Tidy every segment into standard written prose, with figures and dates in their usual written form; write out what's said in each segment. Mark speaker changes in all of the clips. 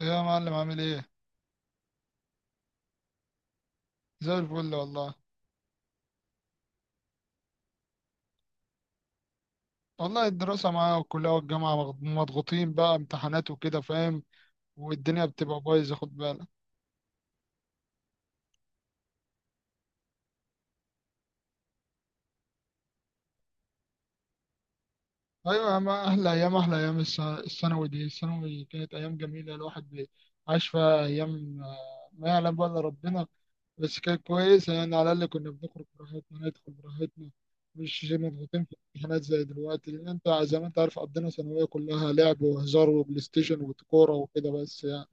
Speaker 1: ايه يا معلم عامل ايه؟ زي الفل والله. والله الدراسة معايا والكلية والجامعة مضغوطين بقى، امتحانات وكده، فاهم؟ والدنيا بتبقى بايظة، خد بالك. ايوه، يا ما احلى ايام، احلى ايام الثانوي، دي الثانوي كانت ايام جميلة، الواحد عاش فيها ايام، ما يعلم بقى الا ربنا. بس كانت كويسة يعني، على الاقل كنا بنخرج براحتنا، ندخل براحتنا. مش زي مضغوطين في الامتحانات زي دلوقتي، لان انت زي ما انت عارف، قضينا ثانوية كلها لعب وهزار وبلاي ستيشن وكورة وكده بس يعني.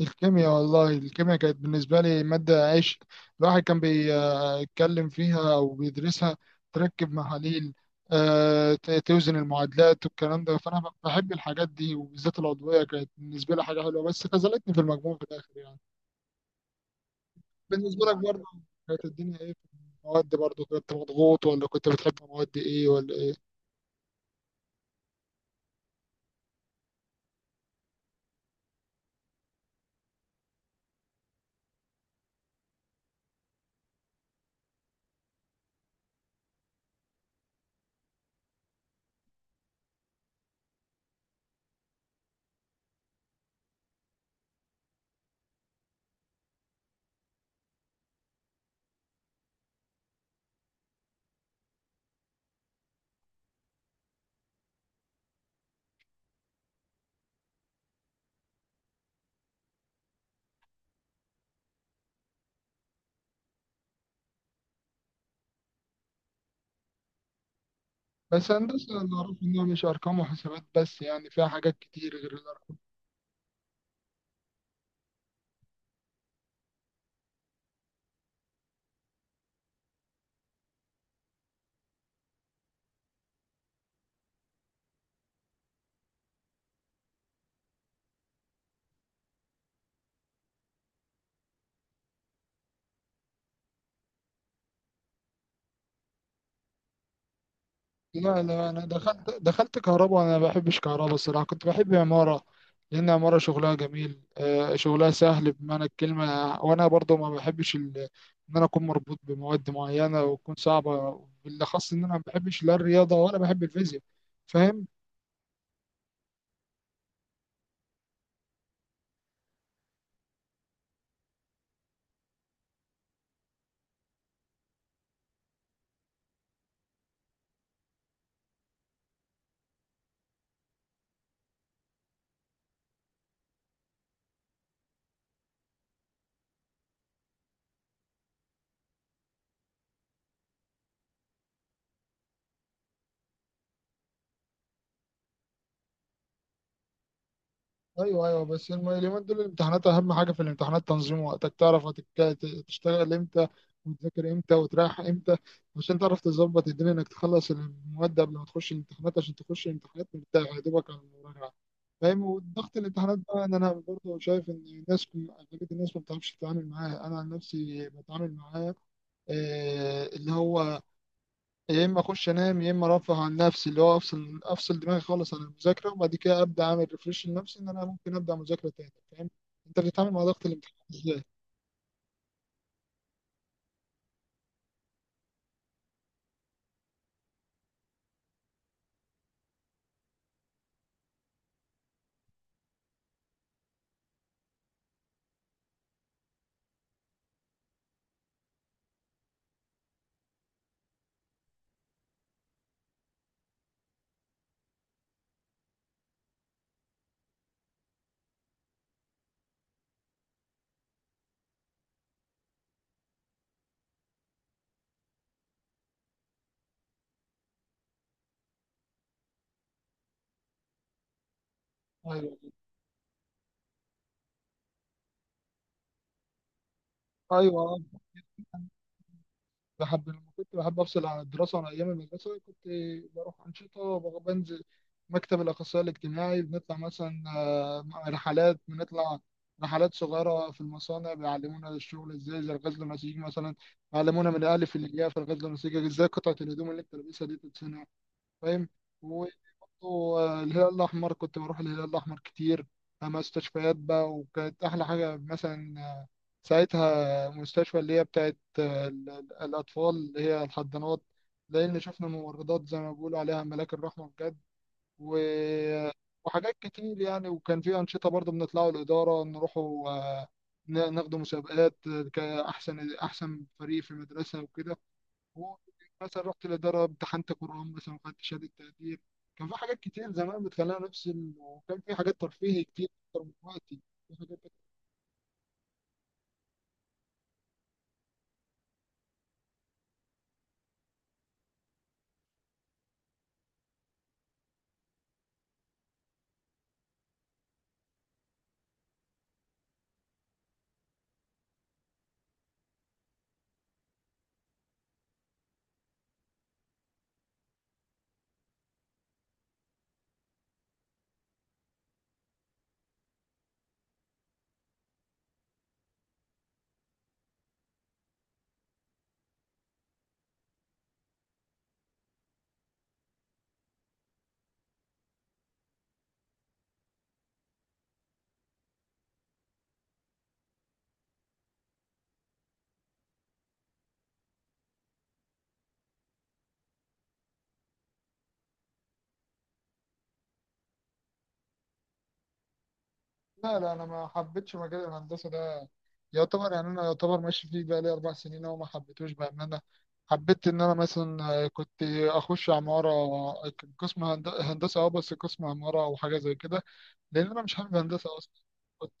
Speaker 1: الكيمياء، والله الكيمياء كانت بالنسبة لي مادة عشق. الواحد كان بيتكلم فيها أو بيدرسها، تركب محاليل، توزن المعادلات والكلام ده. فأنا بحب الحاجات دي، وبالذات العضوية كانت بالنسبة لي حاجة حلوة، بس خذلتني في المجموع في الآخر يعني. بالنسبة لك برضه، كانت الدنيا إيه في المواد؟ برضه كنت مضغوط ولا كنت بتحب مواد إيه ولا إيه؟ بس هندسة اللي أعرفه إنها مش أرقام وحسابات بس يعني، فيها حاجات كتير غير. لا لا، انا دخلت كهرباء وانا ما بحبش كهرباء، الصراحه كنت بحب عماره. لان عماره شغلها جميل، شغلها سهل بمعنى الكلمه. وانا برضو ما بحبش ان انا اكون مربوط بمواد معينه وتكون صعبه، بالاخص ان انا ما بحبش لا الرياضه ولا بحب الفيزياء، فاهم؟ ايوه ايوه، بس اليومين دول الامتحانات، اهم حاجه في الامتحانات تنظيم وقتك، تعرف تشتغل امتى وتذاكر امتى وتريح امتى. عشان تعرف تظبط الدنيا، انك تخلص المواد قبل ما تخش الامتحانات، عشان تخش الامتحانات مرتاح، يا دوبك على المراجعه، فاهم؟ وضغط الامتحانات بقى، ان انا برضه شايف ان الناس، اغلبيه الناس ما بتعرفش تتعامل معاه. انا عن نفسي بتعامل معاه، اللي هو يا اما اخش انام، يا اما ارفه عن نفسي، اللي هو افصل دماغي خالص عن المذاكره، وبعد كده ابدا اعمل ريفريش لنفسي ان انا ممكن ابدا مذاكره تاني. فاهم؟ انت بتتعامل مع ضغط الامتحان ازاي؟ ايوه ايوه آه. بحب لما كنت بحب افصل عن الدراسه، عن ايام المدرسه، كنت بروح انشطه، بنزل مكتب الاخصائي الاجتماعي، بنطلع مثلا رحلات. بنطلع رحلات صغيره في المصانع، بيعلمونا الشغل ازاي، زي الغزل النسيج مثلا. علمونا من الالف للياء في الغزل والنسيج، ازاي قطعه الهدوم اللي انت لابسها دي تتصنع، فاهم؟ وبرضه الهلال الأحمر، كنت بروح الهلال الأحمر كتير، مستشفيات بقى. وكانت أحلى حاجة مثلا ساعتها مستشفى، اللي هي بتاعت الأطفال، اللي هي الحضانات. لأن شفنا ممرضات زي ما بيقولوا عليها ملاك الرحمة بجد. و... آه، وحاجات كتير يعني. وكان في أنشطة برضه بنطلعوا الإدارة نروحوا ناخدوا مسابقات، كأحسن فريق في المدرسة وكده. هو مثلا رحت الإدارة، امتحنت قرآن مثلا وخدت شهادة تقدير. كان في حاجات كتير زمان بتخلينا نفصل، وكان في حاجات ترفيهي كتير، أكتر من دلوقتي. في حاجات كتير. لا لا، أنا ما حبيتش مجال الهندسة ده، يعتبر يعني أنا يعتبر ماشي فيه بقى لي 4 سنين أهو، ما حبيتهوش بأمانة. حبيت إن أنا مثلا كنت أخش عمارة، قسم هندسة. أه بس قسم عمارة أو حاجة زي كده. لان انا مش حابب هندسه اصلا. كنت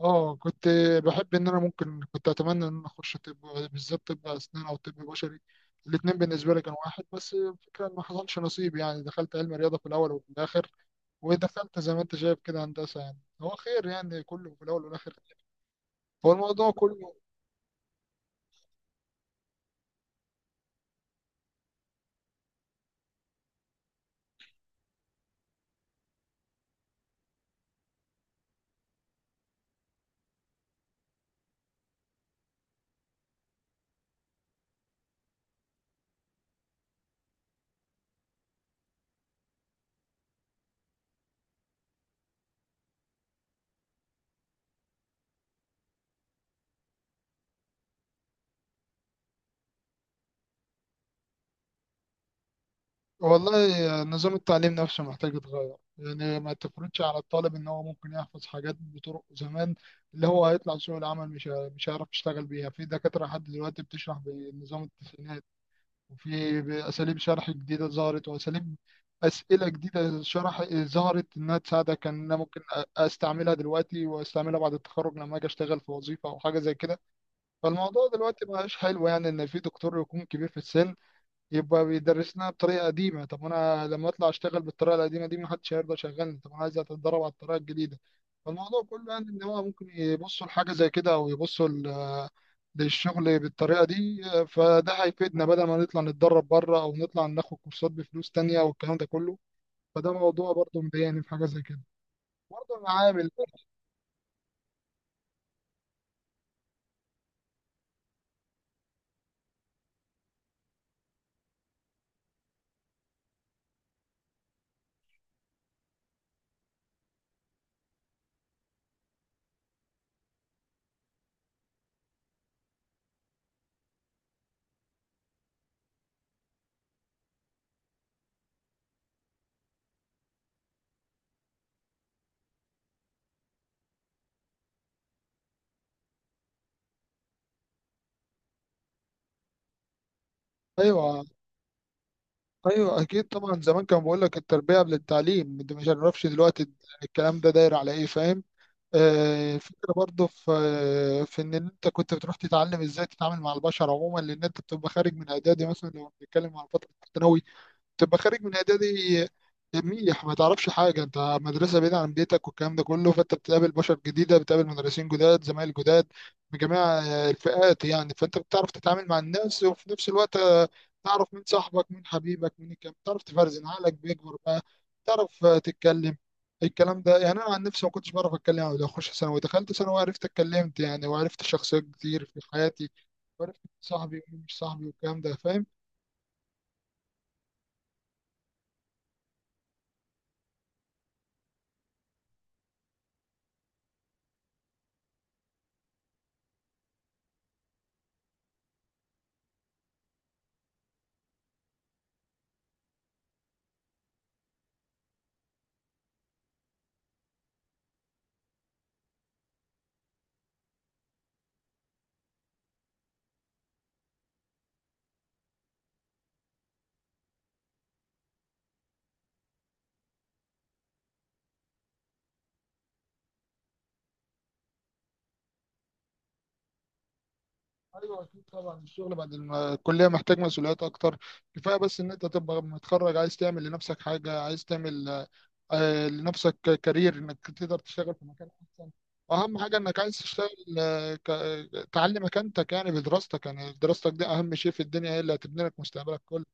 Speaker 1: اه كنت بحب ان انا ممكن، كنت اتمنى ان انا اخش طب، بالذات طب اسنان او طب بشري. الاتنين بالنسبه لي كانوا واحد، بس الفكره ان ما حصلش نصيب يعني. دخلت علم رياضه في الاول، وفي الاخر ودخلت زي ما انت شايف كده هندسه. يعني هو خير يعني، كله في الاول والاخر، هو الموضوع كله. والله نظام التعليم نفسه محتاج يتغير. يعني ما تفرضش على الطالب ان هو ممكن يحفظ حاجات بطرق زمان، اللي هو هيطلع سوق العمل مش هيعرف يشتغل بيها. في دكاترة لحد دلوقتي بتشرح بنظام التسعينات، وفي اساليب شرح جديدة ظهرت، واساليب اسئلة جديدة شرح ظهرت، انها تساعدك ان انا ممكن استعملها دلوقتي، واستعملها بعد التخرج لما اجي اشتغل في وظيفة او حاجة زي كده. فالموضوع دلوقتي مبقاش حلو يعني، ان في دكتور يكون كبير في السن، يبقى بيدرسنا بطريقه قديمه. طب انا لما اطلع اشتغل بالطريقه القديمه دي، محدش هيرضى يشغلني. طب انا عايز اتدرب على الطريقه الجديده. فالموضوع كله يعني، ان هو ممكن يبصوا لحاجه زي كده او يبصوا للشغل بالطريقه دي. فده هيفيدنا بدل ما نطلع نتدرب بره، او نطلع ناخد كورسات بفلوس تانية والكلام ده كله. فده موضوع برضه مضايقني، في حاجه زي كده. برضه المعامل. ايوه ايوه، اكيد طبعا. زمان كان بقول لك التربيه قبل التعليم، انت ما تعرفش دلوقتي الكلام ده داير على ايه، فاهم؟ فكرة برضه في إن أنت كنت بتروح تتعلم إزاي تتعامل مع البشر عموما، لأن أنت بتبقى خارج من إعدادي مثلا، لو بنتكلم على فترة الثانوي. تبقى خارج من اعدادي، منيح ما تعرفش حاجه، انت مدرسه بعيده عن بيتك والكلام ده كله، فانت بتقابل بشر جديده، بتقابل مدرسين جداد، زمايل جداد من جميع الفئات يعني. فانت بتعرف تتعامل مع الناس، وفي نفس الوقت تعرف مين صاحبك، مين حبيبك، مين الكلام، تعرف تفرزن، عقلك بيكبر بقى، تعرف تتكلم. الكلام ده يعني، انا عن نفسي ما كنتش بعرف اتكلم قبل ما اخش ثانوي، دخلت ثانوي وعرفت اتكلمت يعني، وعرفت شخصيات كتير في حياتي، وعرفت مين صاحبي ومين مش صاحبي والكلام ده، فاهم؟ ايوه اكيد طبعا، الشغل بعد الكليه محتاج مسؤوليات اكتر. كفايه بس ان انت تبقى متخرج، عايز تعمل لنفسك حاجه، عايز تعمل لنفسك كارير، انك تقدر تشتغل في مكان احسن، واهم حاجه انك عايز تشتغل، تعلي مكانتك يعني بدراستك، يعني دراستك دي اهم شيء في الدنيا، هي اللي هتبني لك مستقبلك كله.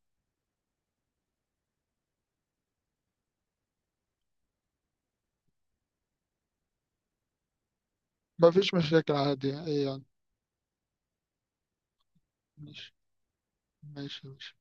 Speaker 1: مفيش مشاكل، عادي، ايه يعني. ماشي ماشي ماشي.